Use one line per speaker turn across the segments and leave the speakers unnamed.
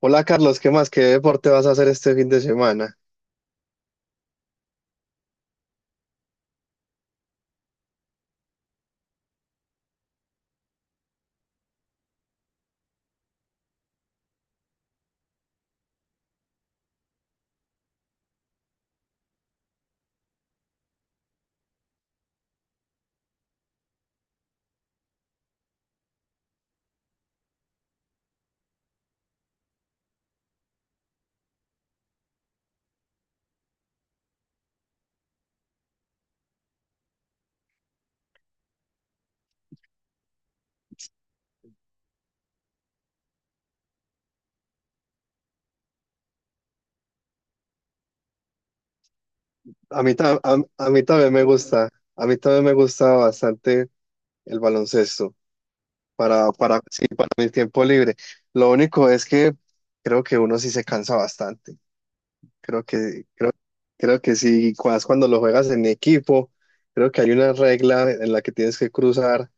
Hola Carlos, ¿qué más? ¿Qué deporte vas a hacer este fin de semana? A mí, a mí también me gusta. A mí también me gusta bastante el baloncesto sí, para mi tiempo libre. Lo único es que creo que uno sí se cansa bastante. Creo que, creo, creo que sí, más cuando lo juegas en equipo. Creo que hay una regla en la que tienes que cruzar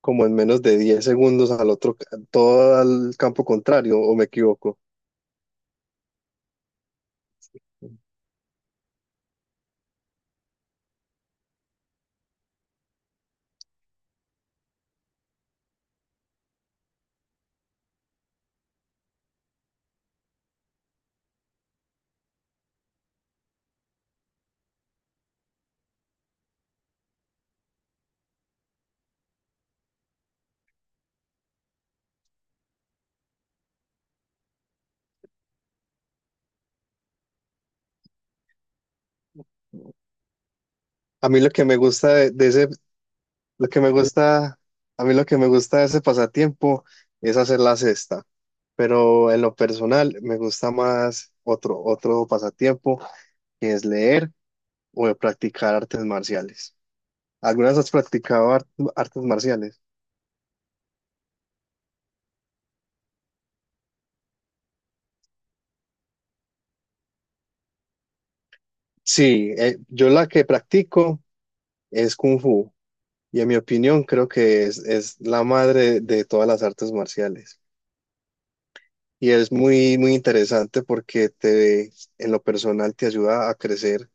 como en menos de 10 segundos al otro, todo al campo contrario, ¿o me equivoco? A mí lo que me gusta de ese, Lo que me gusta, a mí lo que me gusta de ese pasatiempo es hacer la cesta, pero en lo personal me gusta más otro pasatiempo que es leer o de practicar artes marciales. ¿Algunas has practicado artes marciales? Sí, yo la que practico es Kung Fu y en mi opinión creo que es la madre de todas las artes marciales. Y es muy, muy interesante en lo personal te ayuda a crecer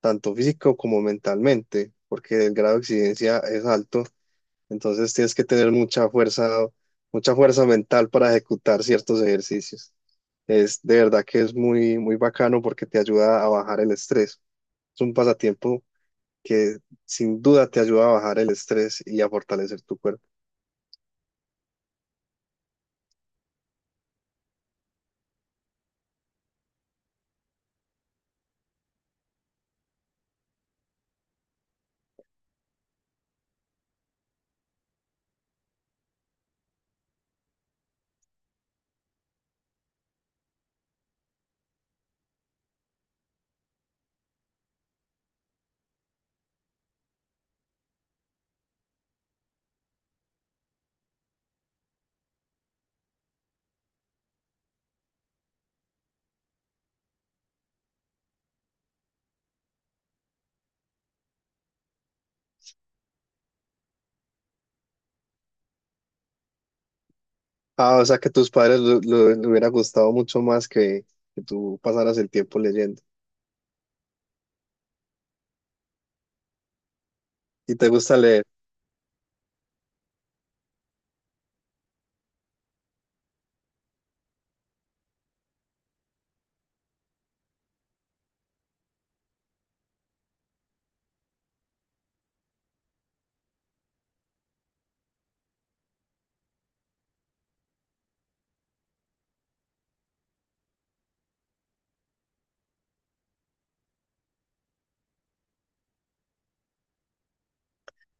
tanto físico como mentalmente, porque el grado de exigencia es alto, entonces tienes que tener mucha fuerza mental para ejecutar ciertos ejercicios. Es de verdad que es muy, muy bacano porque te ayuda a bajar el estrés. Es un pasatiempo que sin duda te ayuda a bajar el estrés y a fortalecer tu cuerpo. Ah, o sea que tus padres le hubiera gustado mucho más que tú pasaras el tiempo leyendo. ¿Y te gusta leer?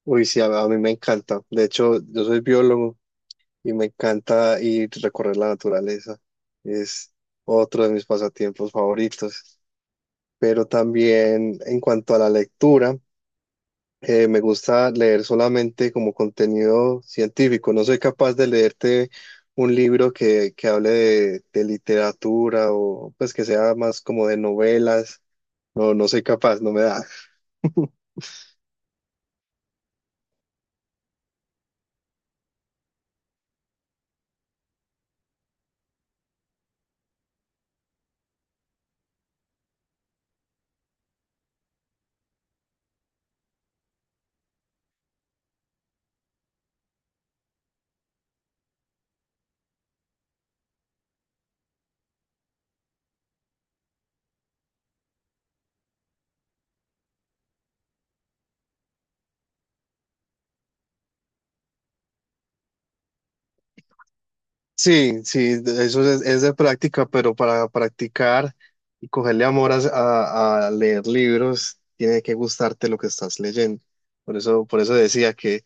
Uy, sí, a mí me encanta. De hecho, yo soy biólogo y me encanta ir a recorrer la naturaleza. Es otro de mis pasatiempos favoritos. Pero también en cuanto a la lectura, me gusta leer solamente como contenido científico. No soy capaz de leerte un libro que hable de literatura o pues que sea más como de novelas. No, no soy capaz, no me da. Sí, sí, eso es de práctica, pero para practicar y cogerle amor a leer libros, tiene que gustarte lo que estás leyendo. Por eso decía que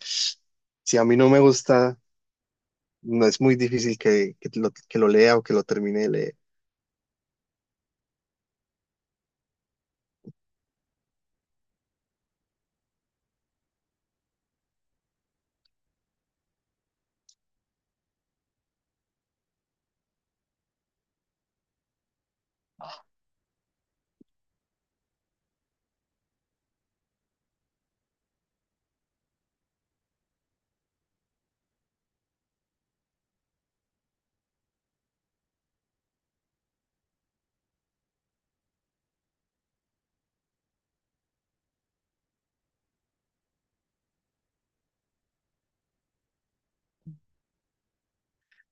si a mí no me gusta, no es muy difícil que lo lea o que lo termine de leer.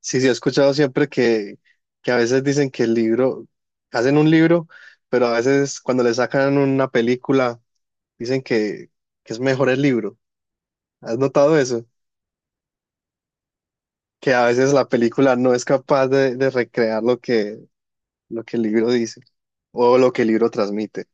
Sí, sí, he escuchado siempre que a veces dicen que el hacen un libro, pero a veces cuando le sacan una película, dicen que es mejor el libro. ¿Has notado eso? Que a veces la película no es capaz de recrear lo lo que el libro dice o lo que el libro transmite.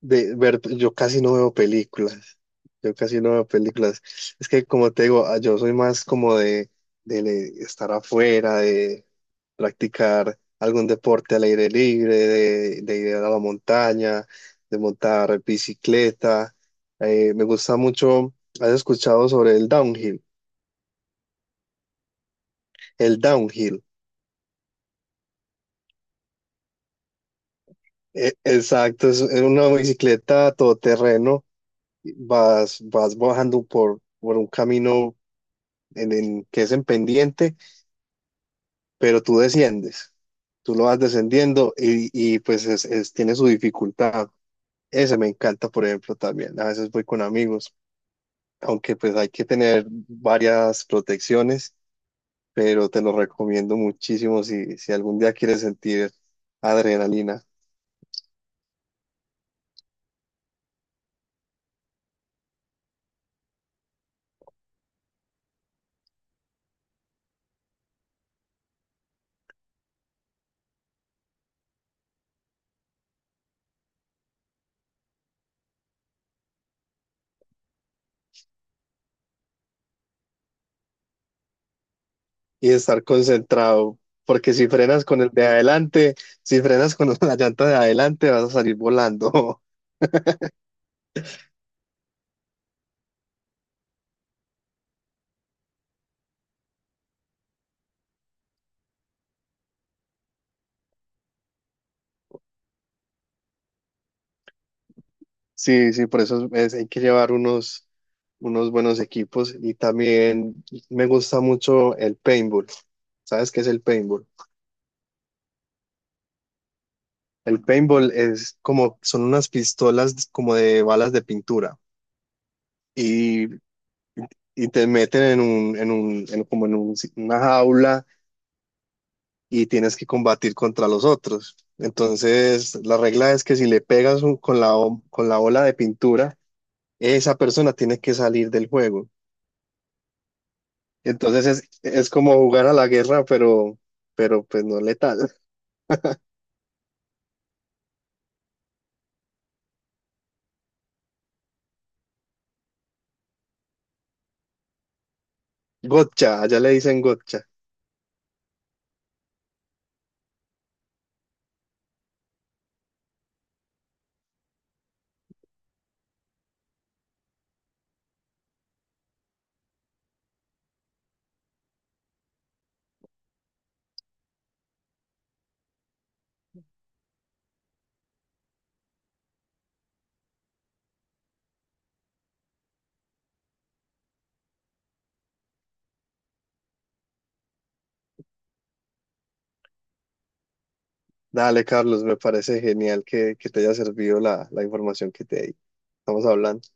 De ver, yo casi no veo películas. Es que como te digo, ah, yo soy más como estar afuera, de practicar algún deporte al aire libre, de ir a la montaña, de montar bicicleta. Me gusta mucho, ¿has escuchado sobre el downhill? El downhill. Exacto, es una bicicleta todoterreno, vas bajando por un camino que es en pendiente, pero tú desciendes, tú lo vas descendiendo y, tiene su dificultad. Ese me encanta, por ejemplo, también. A veces voy con amigos, aunque pues hay que tener varias protecciones, pero te lo recomiendo muchísimo si, si algún día quieres sentir adrenalina. Y estar concentrado, porque si frenas con el de adelante, si frenas con la llanta de adelante, vas a salir volando. Sí, sí, hay que llevar unos buenos equipos y también me gusta mucho el paintball. ¿Sabes qué es el paintball? El paintball es como, son unas pistolas como de balas de pintura y, y te meten en un, en un, en como en un- una jaula y tienes que combatir contra los otros. Entonces, la regla es que si le pegas con con la ola de pintura, esa persona tiene que salir del juego. Entonces es como jugar a la guerra, pero pues no letal. Gotcha, allá le dicen gotcha. Dale, Carlos, me parece genial que te haya servido la información que te di. Estamos hablando.